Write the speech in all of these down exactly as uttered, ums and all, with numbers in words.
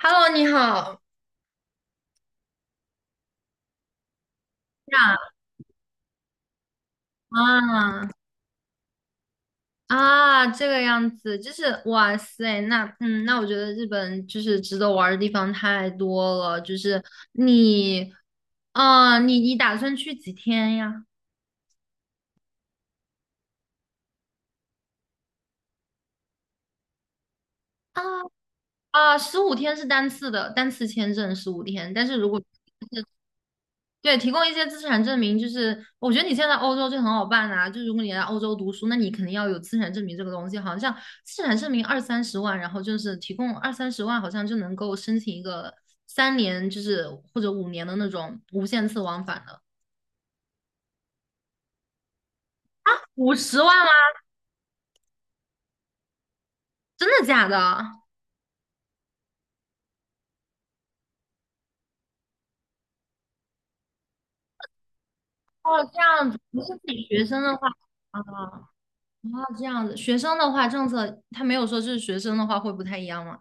Hello，你好呀。啊啊，这个样子，就是哇塞，那嗯，那我觉得日本就是值得玩儿的地方太多了，就是你，啊，你你打算去几天呀？啊啊，十五天是单次的，单次签证十五天，但是如果对，提供一些资产证明，就是我觉得你现在欧洲就很好办啊。就如果你来欧洲读书，那你肯定要有资产证明这个东西。好像资产证明二三十万，然后就是提供二三十万，好像就能够申请一个三年，就是或者五年的那种无限次往返的。五十万吗？真的假的？哦，这样子，不是自己学生的话啊，啊，这样子，学生的话政策他没有说，就是学生的话会不太一样吗？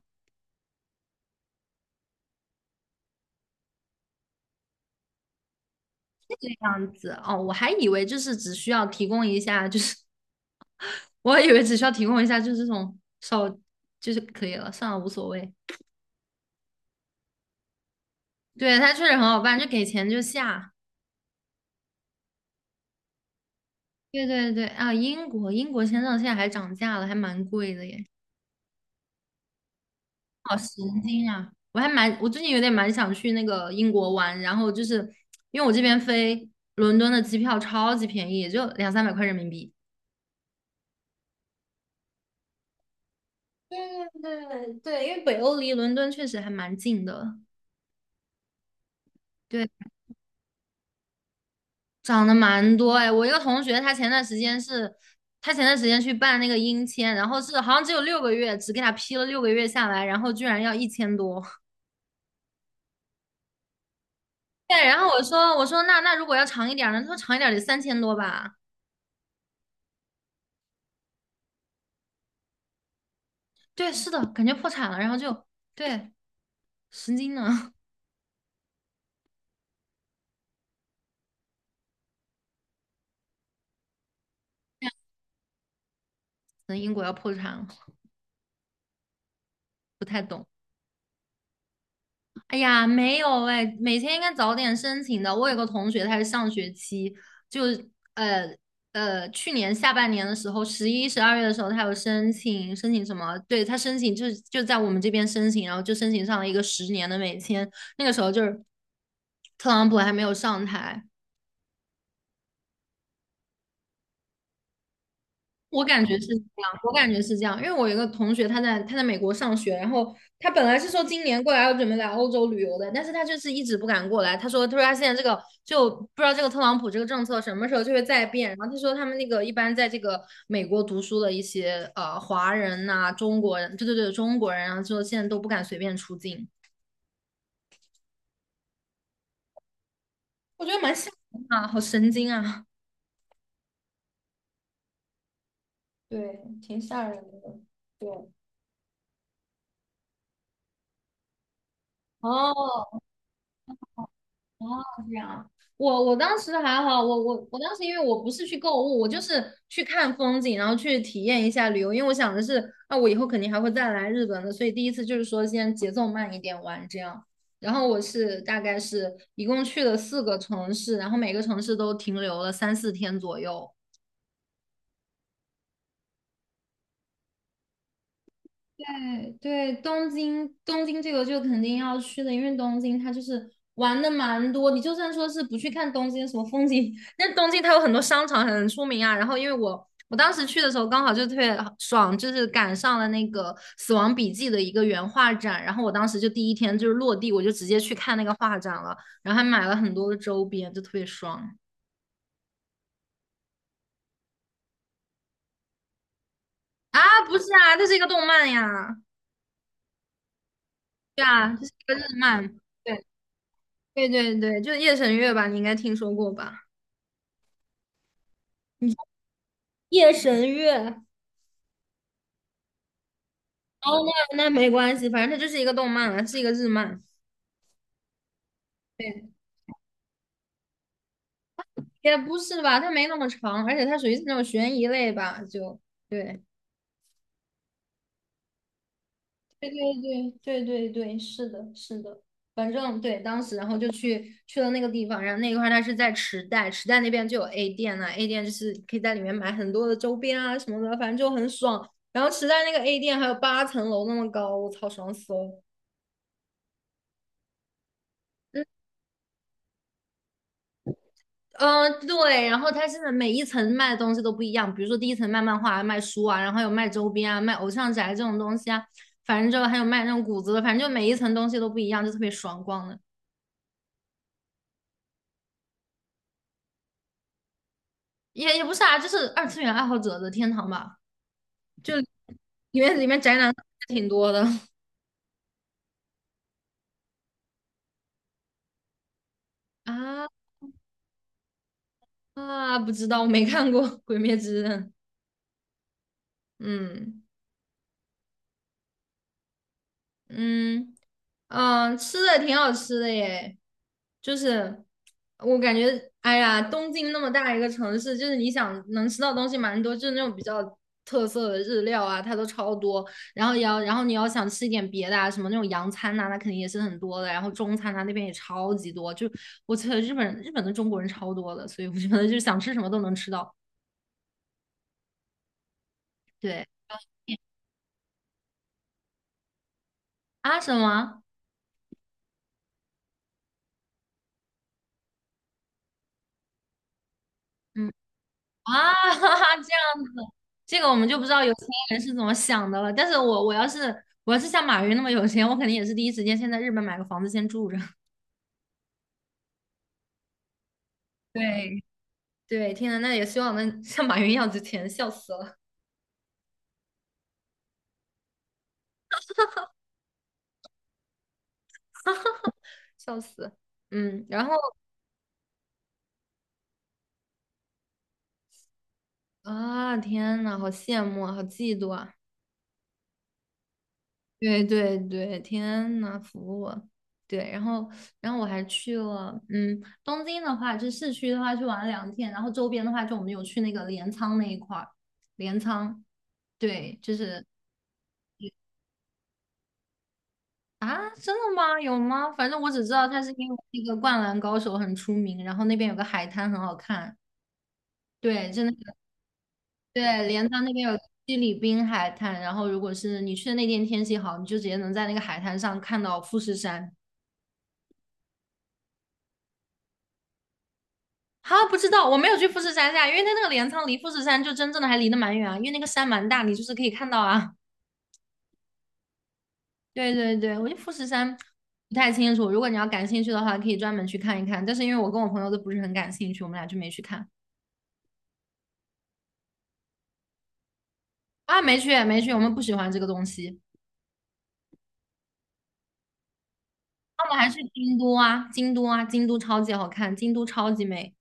这样子哦，我还以为就是只需要提供一下，就是 我还以为只需要提供一下，就是这种手就是可以了，算了，无所谓。对，它确实很好办，就给钱就下。对对对啊，英国英国签证现在还涨价了，还蛮贵的耶，好神经啊！我还蛮我最近有点蛮想去那个英国玩，然后就是因为我这边飞伦敦的机票超级便宜，也就两三百块人民币。对对对，因为北欧离伦敦确实还蛮近的。对。涨得蛮多哎，我一个同学，他前段时间是，他前段时间去办那个英签，然后是好像只有六个月，只给他批了六个月下来，然后居然要一千多。对，然后我说我说那那如果要长一点儿呢？他说长一点儿得三千多吧。对，是的，感觉破产了，然后就对，神经呢，可能英国要破产了，不太懂。哎呀，没有哎，每天应该早点申请的。我有个同学，他是上学期，就呃呃，去年下半年的时候，十一、十二月的时候，他有申请申请什么？对，他申请就是就在我们这边申请，然后就申请上了一个十年的美签。那个时候就是特朗普还没有上台，我感觉是这样，我感觉是这样，因为我有一个同学，他在他在美国上学，然后他本来是说今年过来要准备来欧洲旅游的，但是他就是一直不敢过来。他说，他说他现在这个就不知道这个特朗普这个政策什么时候就会再变。然后他说他们那个一般在这个美国读书的一些呃华人呐、中国人，对对对，中国人啊，然后说现在都不敢随便出境。我觉得蛮吓人啊，好神经啊！对，挺吓人的。对，哦，哦，这样，我我当时还好，我我我当时因为我不是去购物，我就是去看风景，然后去体验一下旅游，因为我想的是，啊，我以后肯定还会再来日本的，所以第一次就是说先节奏慢一点玩这样。然后我是大概是一共去了四个城市，然后每个城市都停留了三四天左右。对对，东京东京这个就肯定要去的，因为东京它就是玩的蛮多。你就算说是不去看东京什么风景，那东京它有很多商场很出名啊。然后因为我我当时去的时候刚好就特别爽，就是赶上了那个《死亡笔记》的一个原画展，然后我当时就第一天就是落地，我就直接去看那个画展了，然后还买了很多的周边，就特别爽啊！不是啊，这是一个动漫呀，对啊，这是一个日漫。对。对对对，就是夜神月吧，你应该听说过吧？你夜神月，哦，那那没关系，反正它就是一个动漫啊，是一个日漫。对，也不是吧，它没那么长，而且它属于是那种悬疑类吧，就对，对对对对对对，是的，是的，反正对，当时然后就去去了那个地方，然后那一块儿它是在池袋，池袋那边就有 A 店啊，A 店就是可以在里面买很多的周边啊什么的，反正就很爽。然后池袋那个 A 店还有八层楼那么高，我操，爽死了。嗯嗯，对，然后它现在每一层卖的东西都不一样，比如说第一层卖漫画、卖书啊，然后有卖周边啊、卖偶像宅这种东西啊，反正就还有卖那种谷子的，反正就每一层东西都不一样，就特别爽逛的，也也不是啊，就是二次元爱好者的天堂吧，就里面里面宅男挺多的 啊啊，不知道，我没看过《鬼灭之刃》，嗯。嗯嗯，吃的挺好吃的耶，就是我感觉，哎呀，东京那么大一个城市，就是你想能吃到东西蛮多，就是那种比较特色的日料啊，它都超多。然后也要，然后你要想吃一点别的啊，什么那种洋餐呐、那肯定也是很多的。然后中餐呐、那边也超级多，就我觉得日本日本的中国人超多的，所以我觉得就是想吃什么都能吃到。对啊，什么啊？嗯。啊，哈哈，这样子，这个我们就不知道有钱人是怎么想的了。但是我我要是我要是像马云那么有钱，我肯定也是第一时间先在日本买个房子先住着。对，对，天呐，那也希望能像马云一样值钱，笑死了，笑死。嗯，然后啊，天呐，好羡慕啊，好嫉妒啊。对对对，天呐，服我！对，然后然后我还去了，嗯，东京的话，就市区的话去玩了两天，然后周边的话，就我们有去那个镰仓那一块儿，镰仓，对，就是啊，真的吗？有吗？反正我只知道它是因为那个《灌篮高手》很出名，然后那边有个海滩很好看，对，真的，对，镰仓那边有七里滨海滩，然后如果是你去的那天天气好，你就直接能在那个海滩上看到富士山。啊，不知道，我没有去富士山下，因为它那个镰仓离富士山就真正的还离得蛮远啊，因为那个山蛮大，你就是可以看到啊。对对对，我觉得富士山不太清楚，如果你要感兴趣的话，可以专门去看一看。但是因为我跟我朋友都不是很感兴趣，我们俩就没去看啊，没去没去，我们不喜欢这个东西。那我们还去京都啊，京都啊，京都超级好看，京都超级美。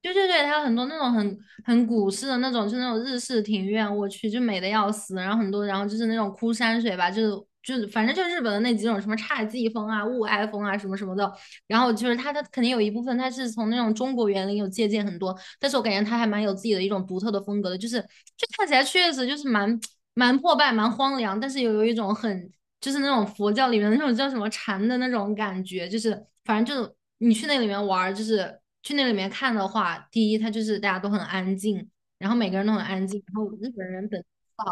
对对对，它有很多那种很很古式的那种，就那种日式庭院，我去就美的要死。然后很多，然后就是那种枯山水吧，就是就是反正就是日本的那几种什么侘寂风啊、雾哀风啊什么什么的。然后就是它它肯定有一部分它是从那种中国园林有借鉴很多，但是我感觉他还蛮有自己的一种独特的风格的，就是就看起来确实就是蛮蛮破败、蛮荒凉，但是又有一种很就是那种佛教里面的那种叫什么禅的那种感觉，就是反正就你去那里面玩就是去那里面看的话，第一它就是大家都很安静，然后每个人都很安静，然后日本人本啊，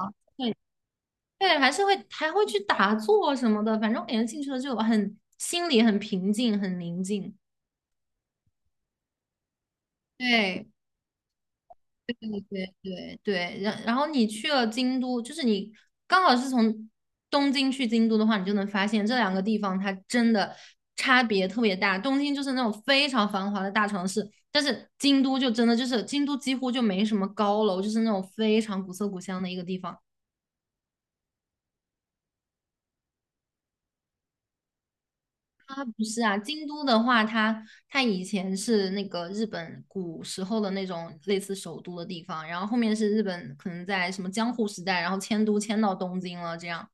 对，还是会还会去打坐什么的，反正我感觉进去了就很心里很平静、很宁静。对，对对对，然然后你去了京都，就是你刚好是从东京去京都的话，你就能发现这两个地方它真的差别特别大。东京就是那种非常繁华的大城市，但是京都就真的就是京都几乎就没什么高楼，就是那种非常古色古香的一个地方。啊，不是啊，京都的话，它它以前是那个日本古时候的那种类似首都的地方，然后后面是日本可能在什么江户时代，然后迁都迁到东京了这样。